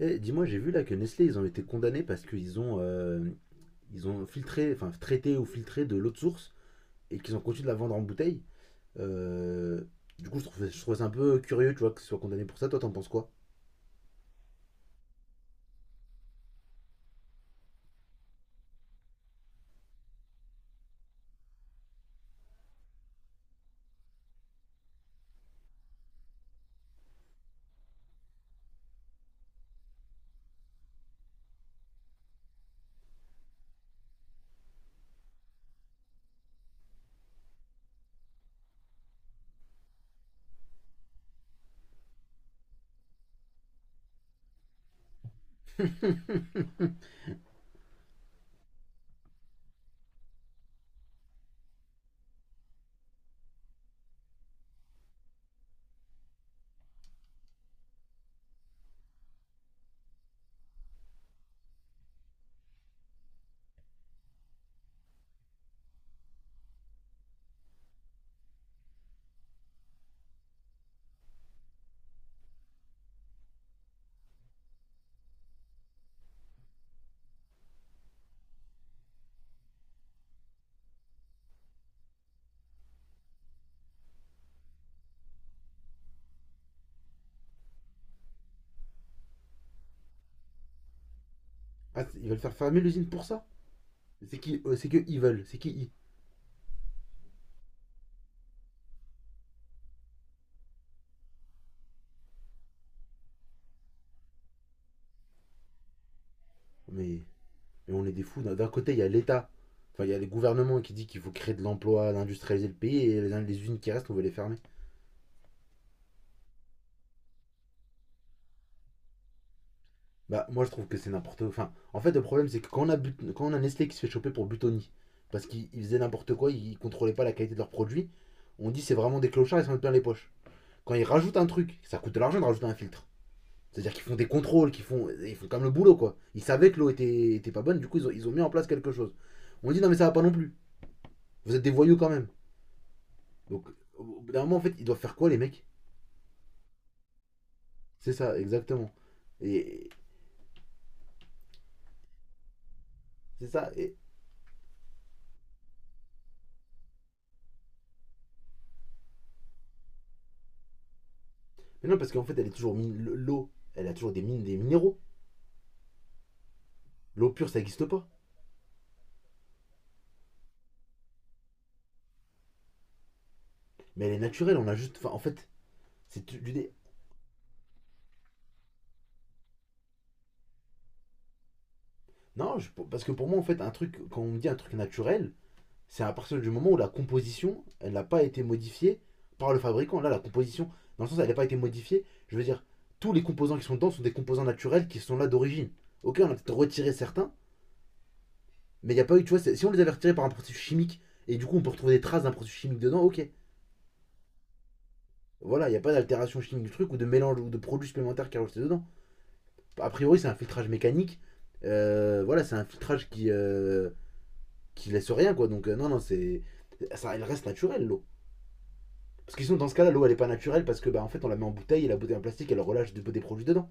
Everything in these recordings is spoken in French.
Eh, dis-moi, j'ai vu là que Nestlé, ils ont été condamnés parce qu'ils ont, ils ont filtré, enfin traité ou filtré de l'eau de source et qu'ils ont continué de la vendre en bouteille. Euh, du coup, je trouve ça un peu curieux, tu vois, qu'ils soient condamnés pour ça. Toi, t'en penses quoi? Ah, ils veulent faire fermer l'usine pour ça? C'est qui c'est que ils veulent, c'est qui ils mais, mais on est des fous. D'un côté, il y a l'État, enfin, il y a les gouvernements qui disent qu'il faut créer de l'emploi, d'industrialiser le pays et les usines qui restent, on veut les fermer. Bah, moi je trouve que c'est n'importe quoi. Enfin, en fait, le problème c'est que quand on a Nestlé qui se fait choper pour Butoni, parce qu'ils faisaient n'importe quoi, ils contrôlaient pas la qualité de leurs produits, on dit c'est vraiment des clochards, ils s'en mettent plein les poches. Quand ils rajoutent un truc, ça coûte de l'argent de rajouter un filtre. C'est-à-dire qu'ils font des contrôles, ils font comme le boulot quoi. Ils savaient que l'eau était pas bonne, du coup ils ont mis en place quelque chose. On dit non mais ça va pas non plus. Vous êtes des voyous quand même. Donc, au bout d'un moment en fait, ils doivent faire quoi les mecs? C'est ça, exactement. Et c'est ça. Et... Mais non, parce qu'en fait, elle est toujours mine- l'eau, elle a toujours des mines, des minéraux. L'eau pure, ça n'existe pas. Mais elle est naturelle, on a juste. Enfin, en fait, c'est du dé. Non, je- parce que pour moi, en fait, un truc, quand on me dit un truc naturel, c'est à partir du moment où la composition, elle n'a pas été modifiée par le fabricant. Là, la composition, dans le sens, elle n'a pas été modifiée. Je veux dire, tous les composants qui sont dedans sont des composants naturels qui sont là d'origine. Ok, on a peut-être retiré certains, mais il n'y a pas eu, tu vois, si on les avait retirés par un processus chimique, et du coup, on peut retrouver des traces d'un processus chimique dedans, ok. Voilà, il n'y a pas d'altération chimique du truc ou de mélange ou de produits supplémentaires qui est rajouté dedans. A priori, c'est un filtrage mécanique. Voilà, c'est un filtrage qui laisse rien, quoi. Donc, non, non, c'est. Ça, elle reste naturelle, l'eau. Parce que sinon, dans ce cas-là, l'eau, elle est pas naturelle parce que, bah, en fait, on la met en bouteille et la bouteille en plastique, elle relâche des produits dedans.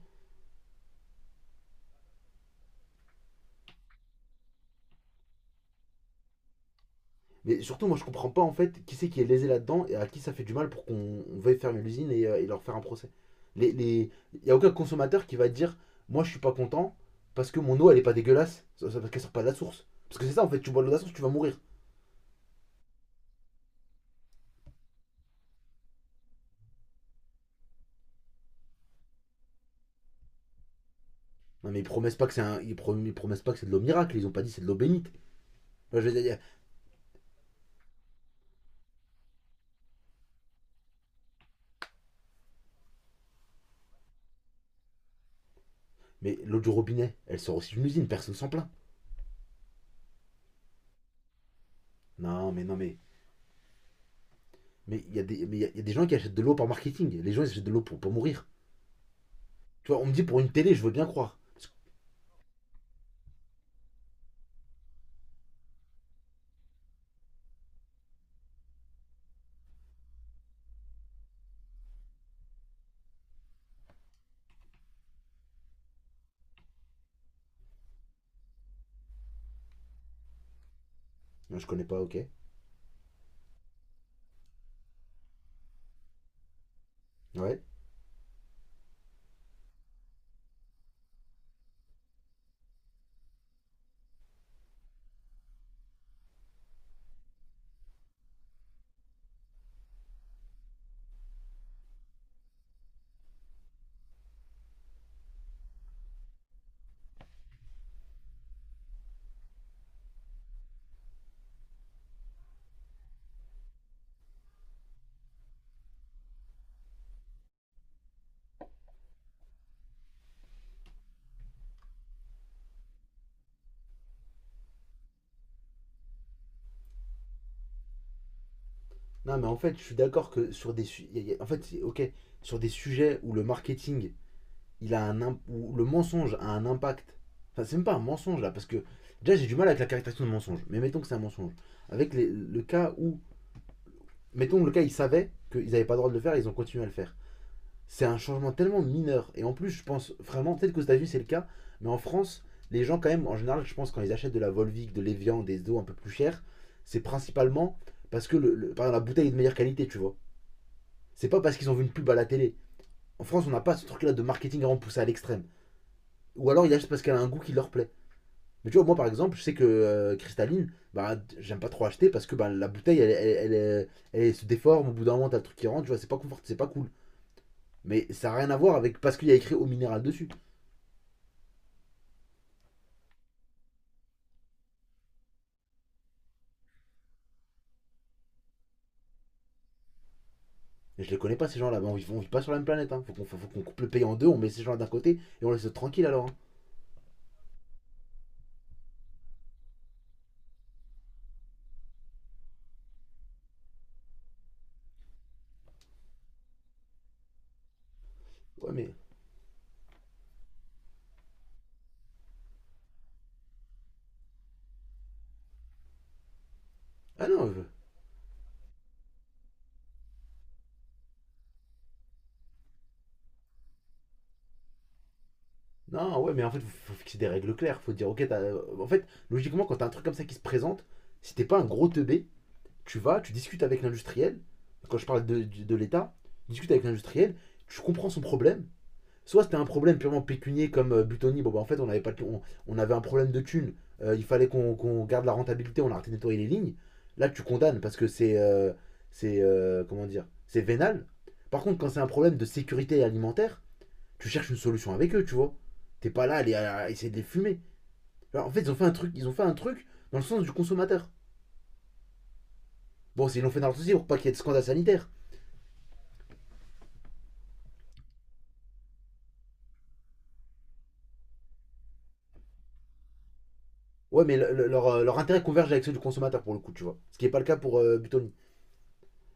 Mais surtout, moi, je comprends pas, en fait, qui c'est qui est lésé là-dedans et à qui ça fait du mal pour qu'on veuille fermer l'usine et leur faire un procès. Il les, les- y a aucun consommateur qui va dire, moi, je suis pas content parce que mon eau, elle est pas dégueulasse, parce qu'elle sort pas de la source. Parce que c'est ça, en fait, tu bois de l'eau de la source, tu vas mourir. Non, mais ils promettent pas que c'est un... ils promettent pas que c'est de l'eau miracle, ils ont pas dit c'est de l'eau bénite. Moi, je veux dire, mais l'eau du robinet, elle sort aussi d'une usine, personne s'en plaint. Non, mais non, mais il y a des y a des gens qui achètent de l'eau par marketing. Les gens ils achètent de l'eau pour mourir. Tu vois, on me dit pour une télé, je veux bien croire. Non, je connais pas, ok. Ouais. Non, mais en fait, je suis d'accord que en fait, ok, sur des sujets où le marketing, il a un imp- où le mensonge a un impact. Enfin, c'est même pas un mensonge là, parce que déjà j'ai du mal avec la caractérisation de mensonge. Mais mettons que c'est un mensonge. Le cas où mettons le cas, ils savaient qu'ils n'avaient pas le droit de le faire, ils ont continué à le faire. C'est un changement tellement mineur. Et en plus, je pense vraiment, peut-être qu'aux États-Unis c'est le cas, mais en France, les gens, quand même, en général, je pense, quand ils achètent de la Volvic, de l'Evian, des eaux un peu plus chères, c'est principalement parce que par exemple, la bouteille est de meilleure qualité, tu vois. C'est pas parce qu'ils ont vu une pub à la télé. En France, on n'a pas ce truc-là de marketing vraiment poussé à l'extrême. Ou alors, ils achètent parce qu'elle a un goût qui leur plaît. Mais tu vois, moi par exemple, je sais que cristalline, bah, j'aime pas trop acheter parce que bah, la bouteille, elle se déforme, au bout d'un moment, t'as le truc qui rentre, tu vois, c'est pas confort, c'est pas cool. Mais ça n'a rien à voir avec parce qu'il y a écrit eau minérale dessus. Et je les connais pas ces gens-là. Bah, on vit pas sur la même planète. Hein. Qu'on coupe le pays en deux, on met ces gens-là d'un côté et on laisse tranquille alors. Hein. Ouais mais ah non, je- non ouais mais en fait faut fixer des règles claires. Faut dire ok, t'as- en fait logiquement quand t'as un truc comme ça qui se présente, si t'es pas un gros teubé, tu discutes avec l'industriel. Quand je parle de l'État, tu discutes avec l'industriel, tu comprends son problème. Soit c'était un problème purement pécunier comme Butoni, bon bah en fait on avait, pas de- on avait un problème de thunes. Il fallait qu'on garde la rentabilité, on a arrêté de nettoyer les lignes. Là tu condamnes parce que c'est. C'est. Comment dire? C'est vénal. Par contre, quand c'est un problème de sécurité alimentaire, tu cherches une solution avec eux, tu vois. T'es pas là à, à essayer de les fumer. Alors, en fait, ils ont fait un truc dans le sens du consommateur. Bon, c'est- ils l'ont fait dans leur souci pour pas qu'il y ait de scandale sanitaire. Ouais, mais leur, leur intérêt converge avec ceux du consommateur pour le coup, tu vois. Ce qui n'est pas le cas pour Butoni.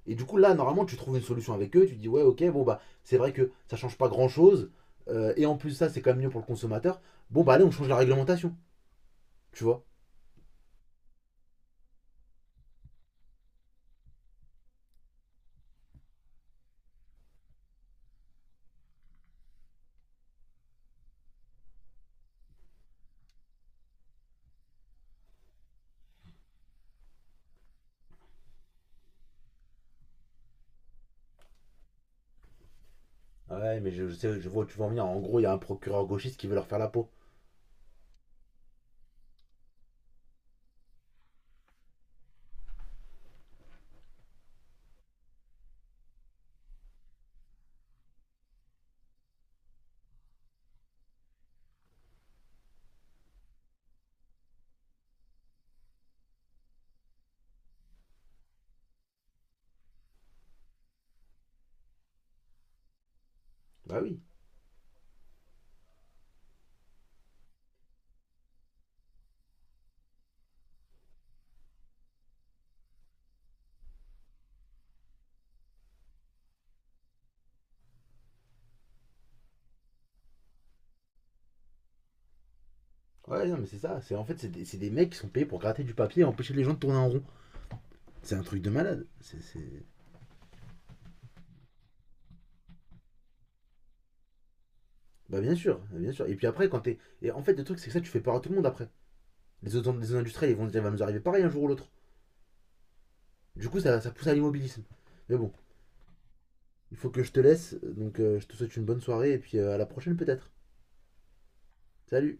Et du coup, là, normalement, tu trouves une solution avec eux, tu dis, ouais, ok, bon, bah, c'est vrai que ça change pas grand chose, et en plus, ça, c'est quand même mieux pour le consommateur. Bon, bah, allez, on change la réglementation, tu vois. Ouais, mais je sais, je vois où tu vas en venir. En gros, il y a un procureur gauchiste qui veut leur faire la peau. Bah oui. Ouais, non, mais c'est ça. C'est, en fait, c'est des mecs qui sont payés pour gratter du papier et empêcher les gens de tourner en rond. C'est un truc de malade. C'est- Bah, bien sûr, bien sûr. Et puis après, quand t'es. Et en fait, le truc, c'est que ça, tu fais peur à tout le monde après. Les autres industriels, ils vont dire, il va nous arriver pareil un jour ou l'autre. Du coup, ça pousse à l'immobilisme. Mais bon, il faut que je te laisse, donc je te souhaite une bonne soirée et puis à la prochaine peut-être. Salut.